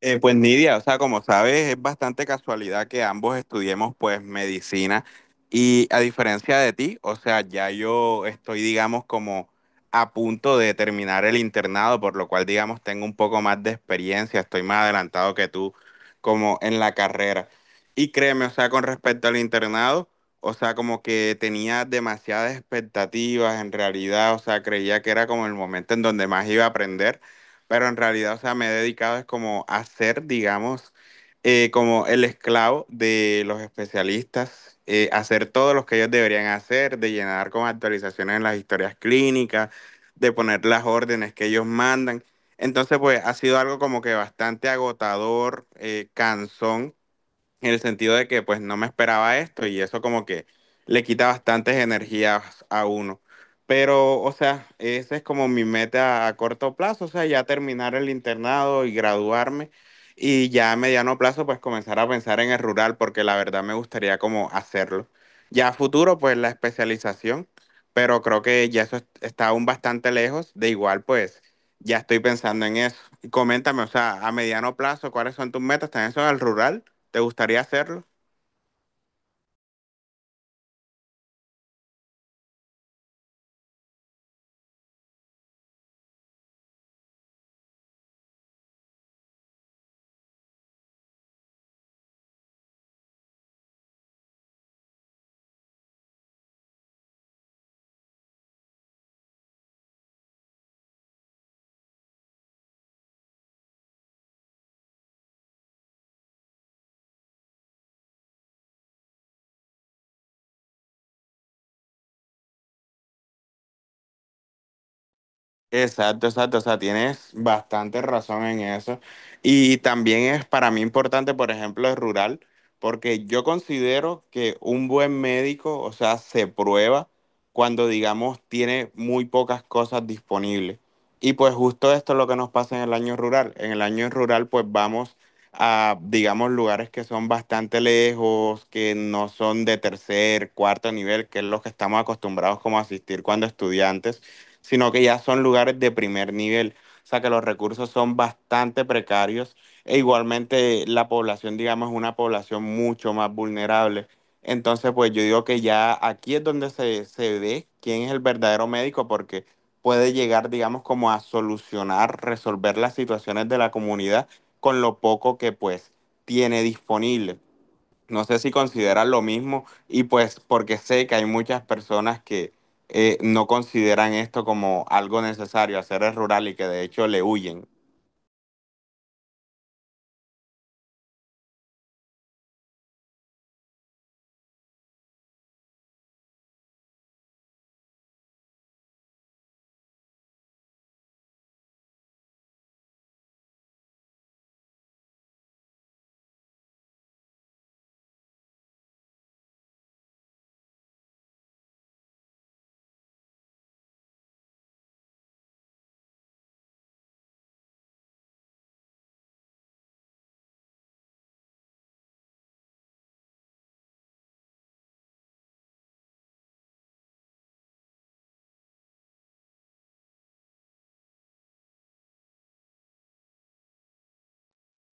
Pues Nidia, o sea, como sabes, es bastante casualidad que ambos estudiemos pues medicina y a diferencia de ti, o sea, ya yo estoy, digamos, como a punto de terminar el internado, por lo cual, digamos, tengo un poco más de experiencia, estoy más adelantado que tú como en la carrera. Y créeme, o sea, con respecto al internado, o sea, como que tenía demasiadas expectativas en realidad, o sea, creía que era como el momento en donde más iba a aprender, pero en realidad, o sea, me he dedicado es como a ser, digamos, como el esclavo de los especialistas, hacer todo lo que ellos deberían hacer, de llenar con actualizaciones en las historias clínicas, de poner las órdenes que ellos mandan. Entonces, pues ha sido algo como que bastante agotador, cansón, en el sentido de que pues no me esperaba esto y eso como que le quita bastantes energías a uno. Pero, o sea, esa es como mi meta a corto plazo, o sea, ya terminar el internado y graduarme, y ya a mediano plazo pues comenzar a pensar en el rural porque la verdad me gustaría como hacerlo. Ya a futuro pues la especialización, pero creo que ya está aún bastante lejos, de igual pues ya estoy pensando en eso. Y coméntame, o sea, a mediano plazo, ¿cuáles son tus metas? ¿También son al rural? ¿Te gustaría hacerlo? Exacto, exacto, o sea, tienes bastante razón en eso. Y también es para mí importante, por ejemplo, el rural, porque yo considero que un buen médico, o sea, se prueba cuando, digamos, tiene muy pocas cosas disponibles. Y pues justo esto es lo que nos pasa en el año rural. En el año rural, pues vamos a, digamos, lugares que son bastante lejos, que no son de tercer, cuarto nivel, que es lo que estamos acostumbrados como a asistir cuando estudiantes, sino que ya son lugares de primer nivel. O sea que los recursos son bastante precarios e igualmente la población, digamos, es una población mucho más vulnerable. Entonces, pues yo digo que ya aquí es donde se ve quién es el verdadero médico porque puede llegar, digamos, como a solucionar, resolver las situaciones de la comunidad con lo poco que pues tiene disponible. No sé si consideran lo mismo y pues porque sé que hay muchas personas que no consideran esto como algo necesario, hacer el rural y que de hecho le huyen.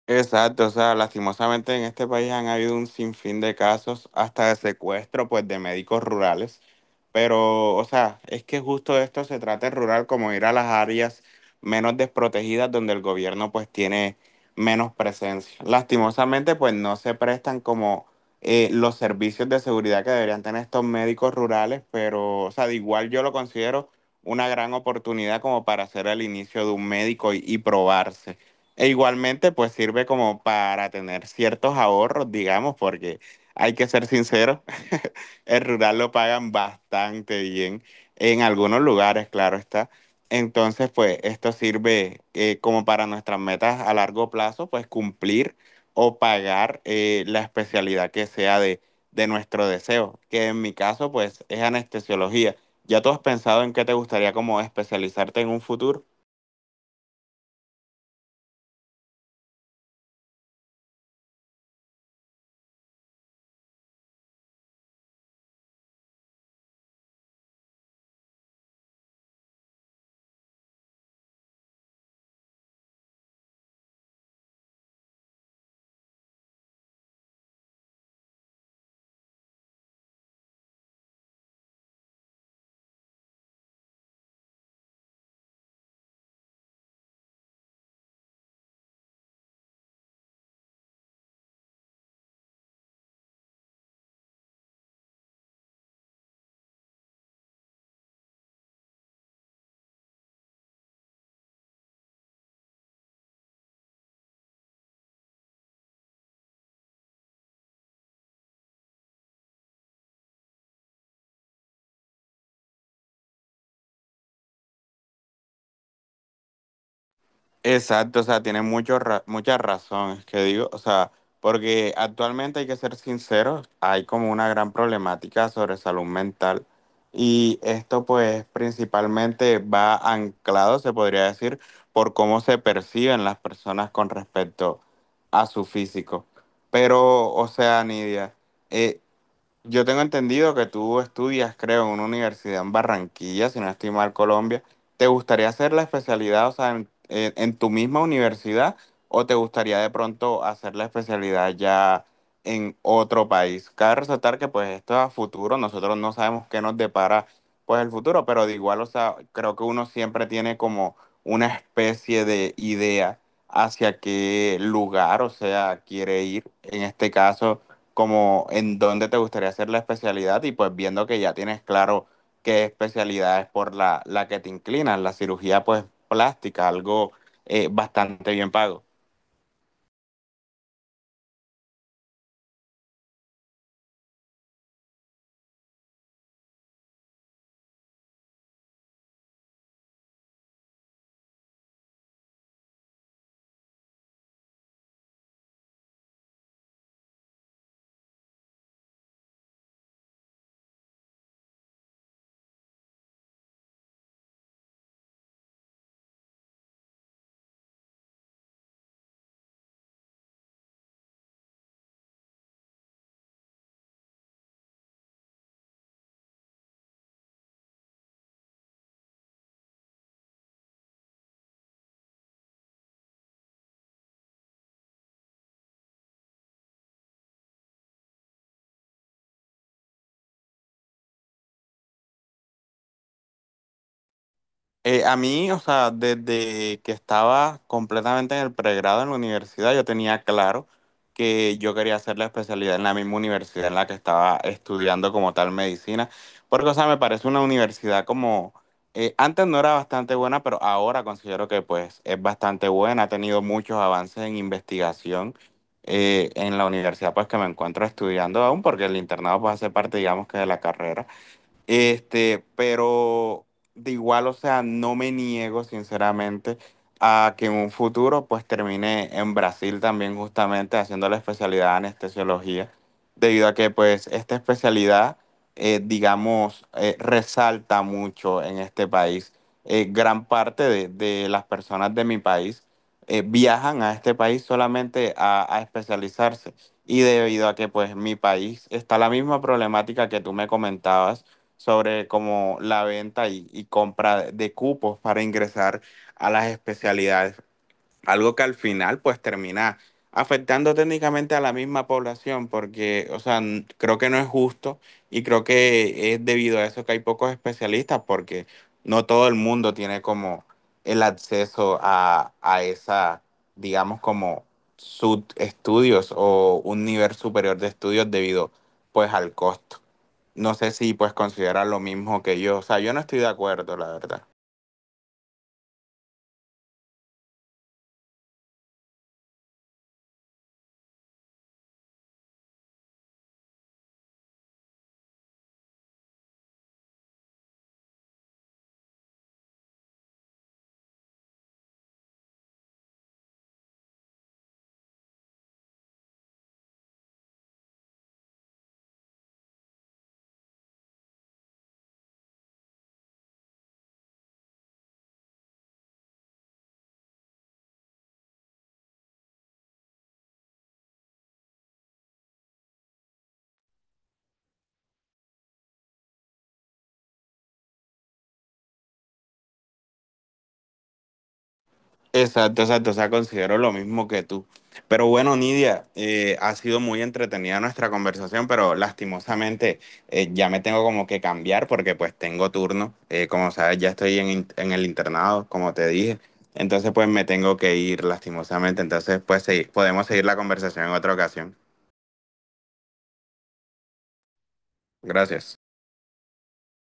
Exacto, o sea, lastimosamente en este país han habido un sinfín de casos, hasta de secuestro, pues, de médicos rurales. Pero, o sea, es que justo de esto se trata el rural, como ir a las áreas menos desprotegidas donde el gobierno, pues, tiene menos presencia. Lastimosamente, pues, no se prestan como los servicios de seguridad que deberían tener estos médicos rurales, pero, o sea, de igual yo lo considero una gran oportunidad como para hacer el inicio de un médico y probarse. E igualmente, pues sirve como para tener ciertos ahorros, digamos, porque hay que ser sinceros, el rural lo pagan bastante bien en algunos lugares, claro está. Entonces, pues esto sirve como para nuestras metas a largo plazo, pues cumplir o pagar la especialidad que sea de nuestro deseo, que en mi caso, pues es anestesiología. ¿Ya tú has pensado en qué te gustaría como especializarte en un futuro? Exacto, o sea, tiene mucha razón, es que digo, o sea, porque actualmente hay que ser sinceros, hay como una gran problemática sobre salud mental, y esto pues principalmente va anclado, se podría decir, por cómo se perciben las personas con respecto a su físico. Pero, o sea, Nidia, eh, yo tengo entendido que tú estudias, creo, en una universidad en Barranquilla, si no estoy mal, Colombia. ¿Te gustaría hacer la especialidad, o sea, en tu misma universidad, o te gustaría de pronto hacer la especialidad ya en otro país? Cabe resaltar que pues esto es a futuro, nosotros no sabemos qué nos depara pues el futuro, pero de igual, o sea, creo que uno siempre tiene como una especie de idea hacia qué lugar, o sea, quiere ir. En este caso, como en dónde te gustaría hacer la especialidad y pues viendo que ya tienes claro qué especialidad es por la que te inclinas, la cirugía pues plástica, algo bastante bien pago. A mí, o sea, desde que estaba completamente en el pregrado en la universidad, yo tenía claro que yo quería hacer la especialidad en la misma universidad en la que estaba estudiando como tal medicina, porque, o sea, me parece una universidad como, antes no era bastante buena, pero ahora considero que pues es bastante buena, ha tenido muchos avances en investigación en la universidad pues que me encuentro estudiando aún, porque el internado pues hace parte, digamos que de la carrera. Este, pero de igual, o sea, no me niego sinceramente a que en un futuro pues termine en Brasil también justamente haciendo la especialidad de anestesiología, debido a que pues esta especialidad, digamos, resalta mucho en este país. Gran parte de las personas de mi país viajan a este país solamente a especializarse y debido a que pues mi país está la misma problemática que tú me comentabas sobre como la venta y compra de cupos para ingresar a las especialidades, algo que al final pues termina afectando técnicamente a la misma población porque, o sea, creo que no es justo y creo que es debido a eso que hay pocos especialistas porque no todo el mundo tiene como el acceso a esa, digamos, como subestudios o un nivel superior de estudios debido pues al costo. No sé si pues consideran lo mismo que yo, o sea, yo no estoy de acuerdo, la verdad. Exacto, exacto, o sea, considero lo mismo que tú. Pero bueno, Nidia, ha sido muy entretenida nuestra conversación, pero lastimosamente ya me tengo como que cambiar porque pues tengo turno. Como sabes, ya estoy en, en el internado, como te dije. Entonces pues me tengo que ir lastimosamente. Entonces pues podemos seguir la conversación en otra ocasión. Gracias.